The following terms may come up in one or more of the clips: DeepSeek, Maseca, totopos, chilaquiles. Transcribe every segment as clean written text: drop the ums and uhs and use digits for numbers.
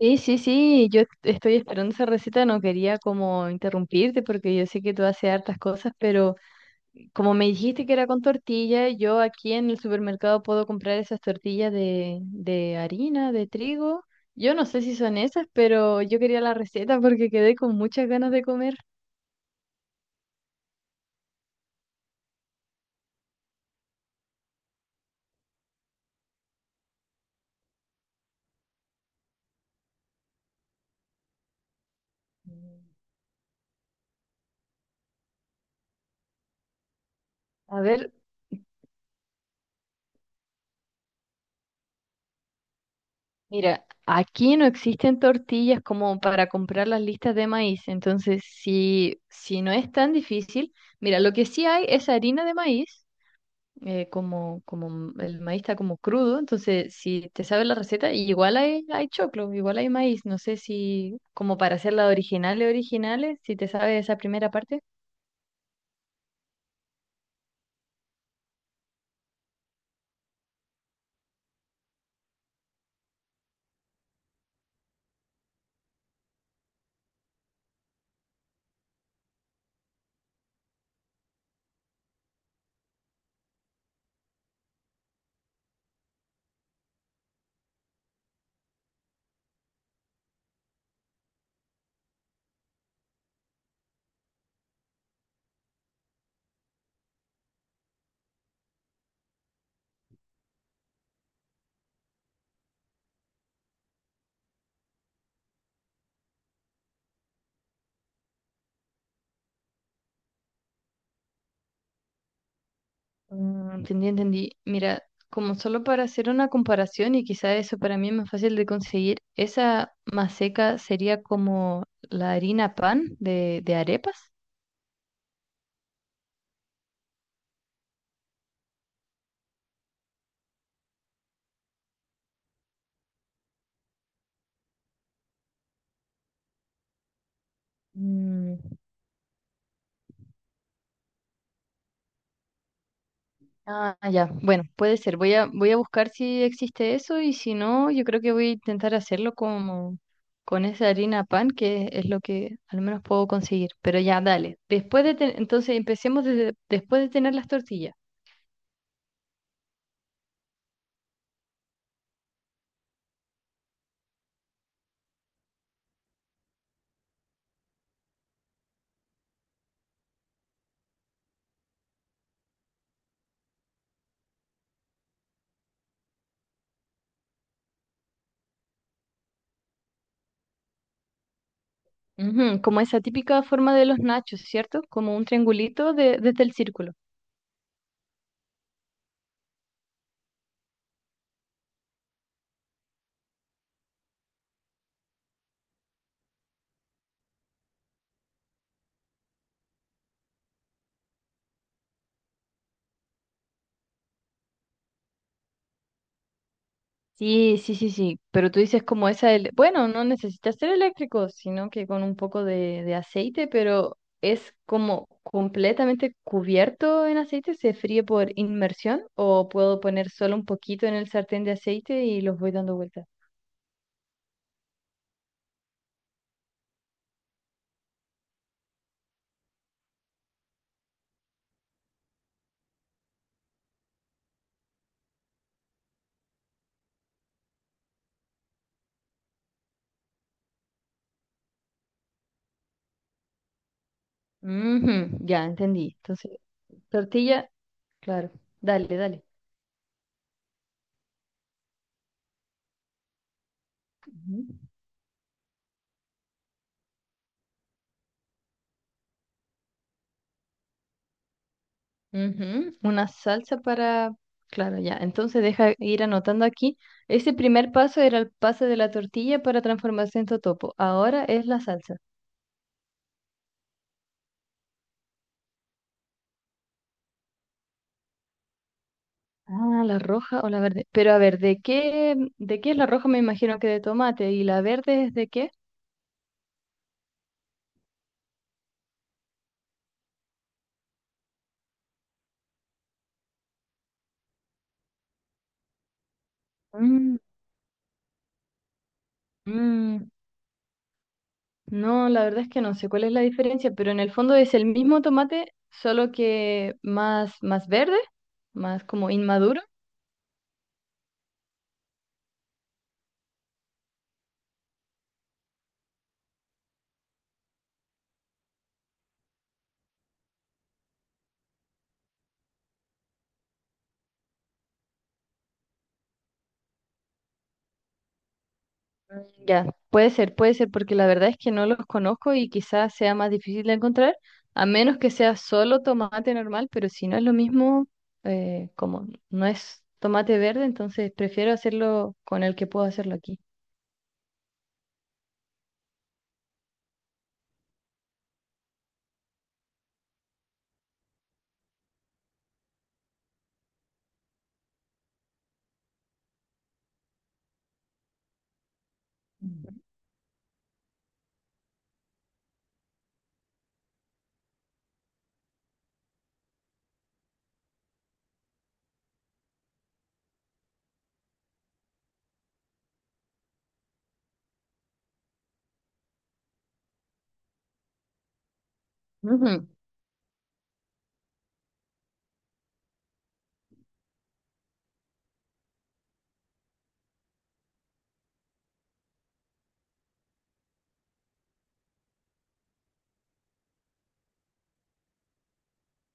Sí, sí, sí, yo estoy esperando esa receta, no quería como interrumpirte porque yo sé que tú haces hartas cosas, pero como me dijiste que era con tortilla, yo aquí en el supermercado puedo comprar esas tortillas de harina, de trigo. Yo no sé si son esas, pero yo quería la receta porque quedé con muchas ganas de comer. Mm. A ver, mira, aquí no existen tortillas como para comprar las listas de maíz, entonces si no es tan difícil, mira, lo que sí hay es harina de maíz. Como, como el maíz está como crudo, entonces si te sabes la receta, y igual hay, hay choclo, igual hay maíz, no sé si como para hacerla originales, originales, si te sabes esa primera parte. Mm. Entendí, entendí. Mira, como solo para hacer una comparación y quizá eso para mí es más fácil de conseguir, esa maseca sería como la harina pan de arepas. Mm. Ah, ya. Bueno, puede ser. Voy a buscar si existe eso y si no, yo creo que voy a intentar hacerlo como con esa harina pan, que es lo que al menos puedo conseguir. Pero ya, dale. Entonces empecemos desde, después de tener las tortillas. Ujú, como esa típica forma de los nachos, ¿cierto? Como un triangulito desde el círculo. Sí, sí, sí, sí, pero tú dices como esa, bueno, no necesitas ser eléctrico, sino que con un poco de aceite, pero es como completamente cubierto en aceite, se fríe por inmersión o puedo poner solo un poquito en el sartén de aceite y los voy dando vueltas. Ujú, ya, entendí. Entonces, tortilla, claro, dale, dale. Ujú. Ujú. Una salsa para... Claro, ya. Entonces deja ir anotando aquí. Ese primer paso era el pase de la tortilla para transformarse en totopo. Ahora es la salsa. Ah, la roja o la verde. Pero a ver, de qué es la roja? Me imagino que de tomate. ¿Y la verde es de qué? Mm. Mm. No, la verdad es que no sé cuál es la diferencia, pero en el fondo es el mismo tomate, solo que más, más verde, más como inmaduro. Ya, puede ser, porque la verdad es que no los conozco y quizás sea más difícil de encontrar, a menos que sea solo tomate normal, pero si no es lo mismo, como no es tomate verde, entonces prefiero hacerlo con el que puedo hacerlo aquí. Ujú.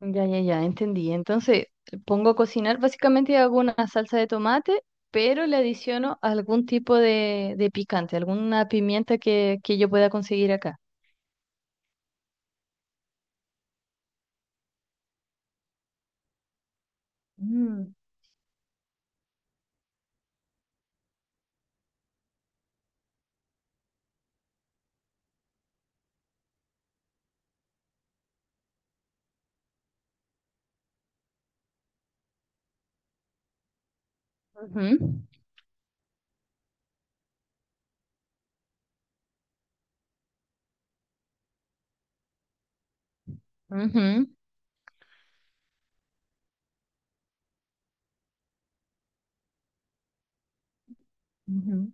Ya, ya, ya, entendí. Entonces, pongo a cocinar básicamente hago una salsa de tomate, pero le adiciono algún tipo de picante, alguna pimienta que yo pueda conseguir acá. Mm, ujú, ujú, ujú.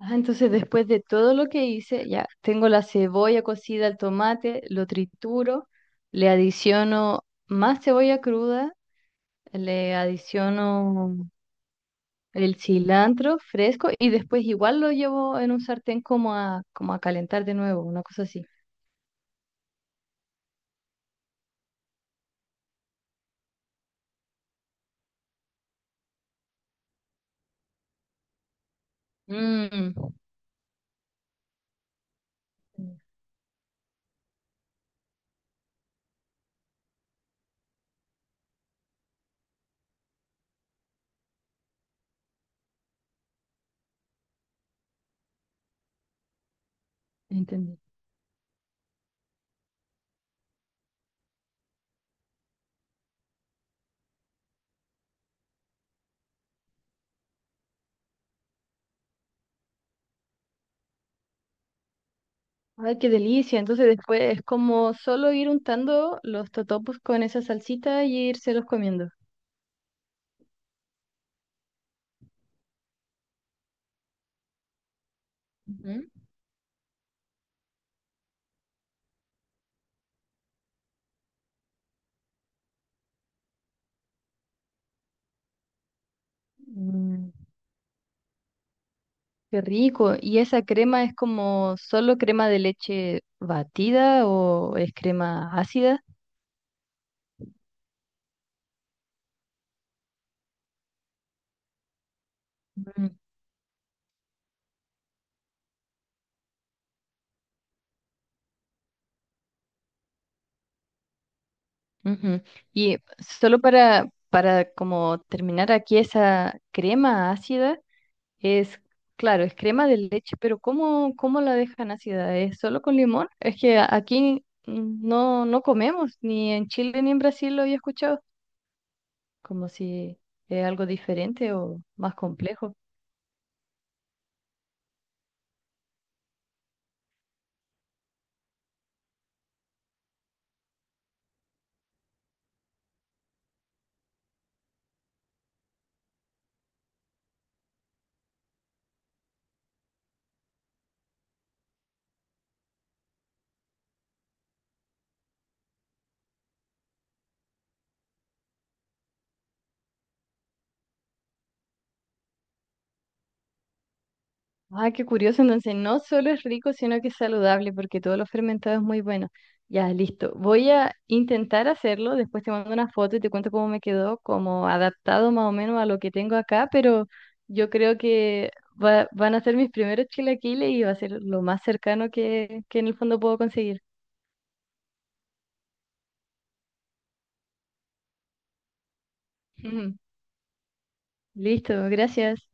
Ah, entonces después de todo lo que hice, ya tengo la cebolla cocida, el tomate, lo trituro, le adiciono más cebolla cruda, le adiciono el cilantro fresco y después igual lo llevo en un sartén como a, como a calentar de nuevo, una cosa así. Mm, entendí. Ay, qué delicia. Entonces después es como solo ir untando los totopos con esa salsita y irselos comiendo. Ujú. Mm. Qué rico. ¿Y esa crema es como solo crema de leche batida o es crema ácida? Mm, ujú. Y solo para como terminar aquí, esa crema ácida es, claro, es crema de leche, pero ¿cómo, cómo la dejan ácida? ¿Es solo con limón? Es que aquí no, no comemos, ni en Chile ni en Brasil lo había escuchado, como si es algo diferente o más complejo. Ay, qué curioso. Entonces, no solo es rico, sino que es saludable, porque todo lo fermentado es muy bueno. Ya, listo. Voy a intentar hacerlo. Después te mando una foto y te cuento cómo me quedó, como adaptado más o menos a lo que tengo acá, pero yo creo que van a ser mis primeros chilaquiles y va a ser lo más cercano que en el fondo puedo conseguir. Ujú. Listo, gracias.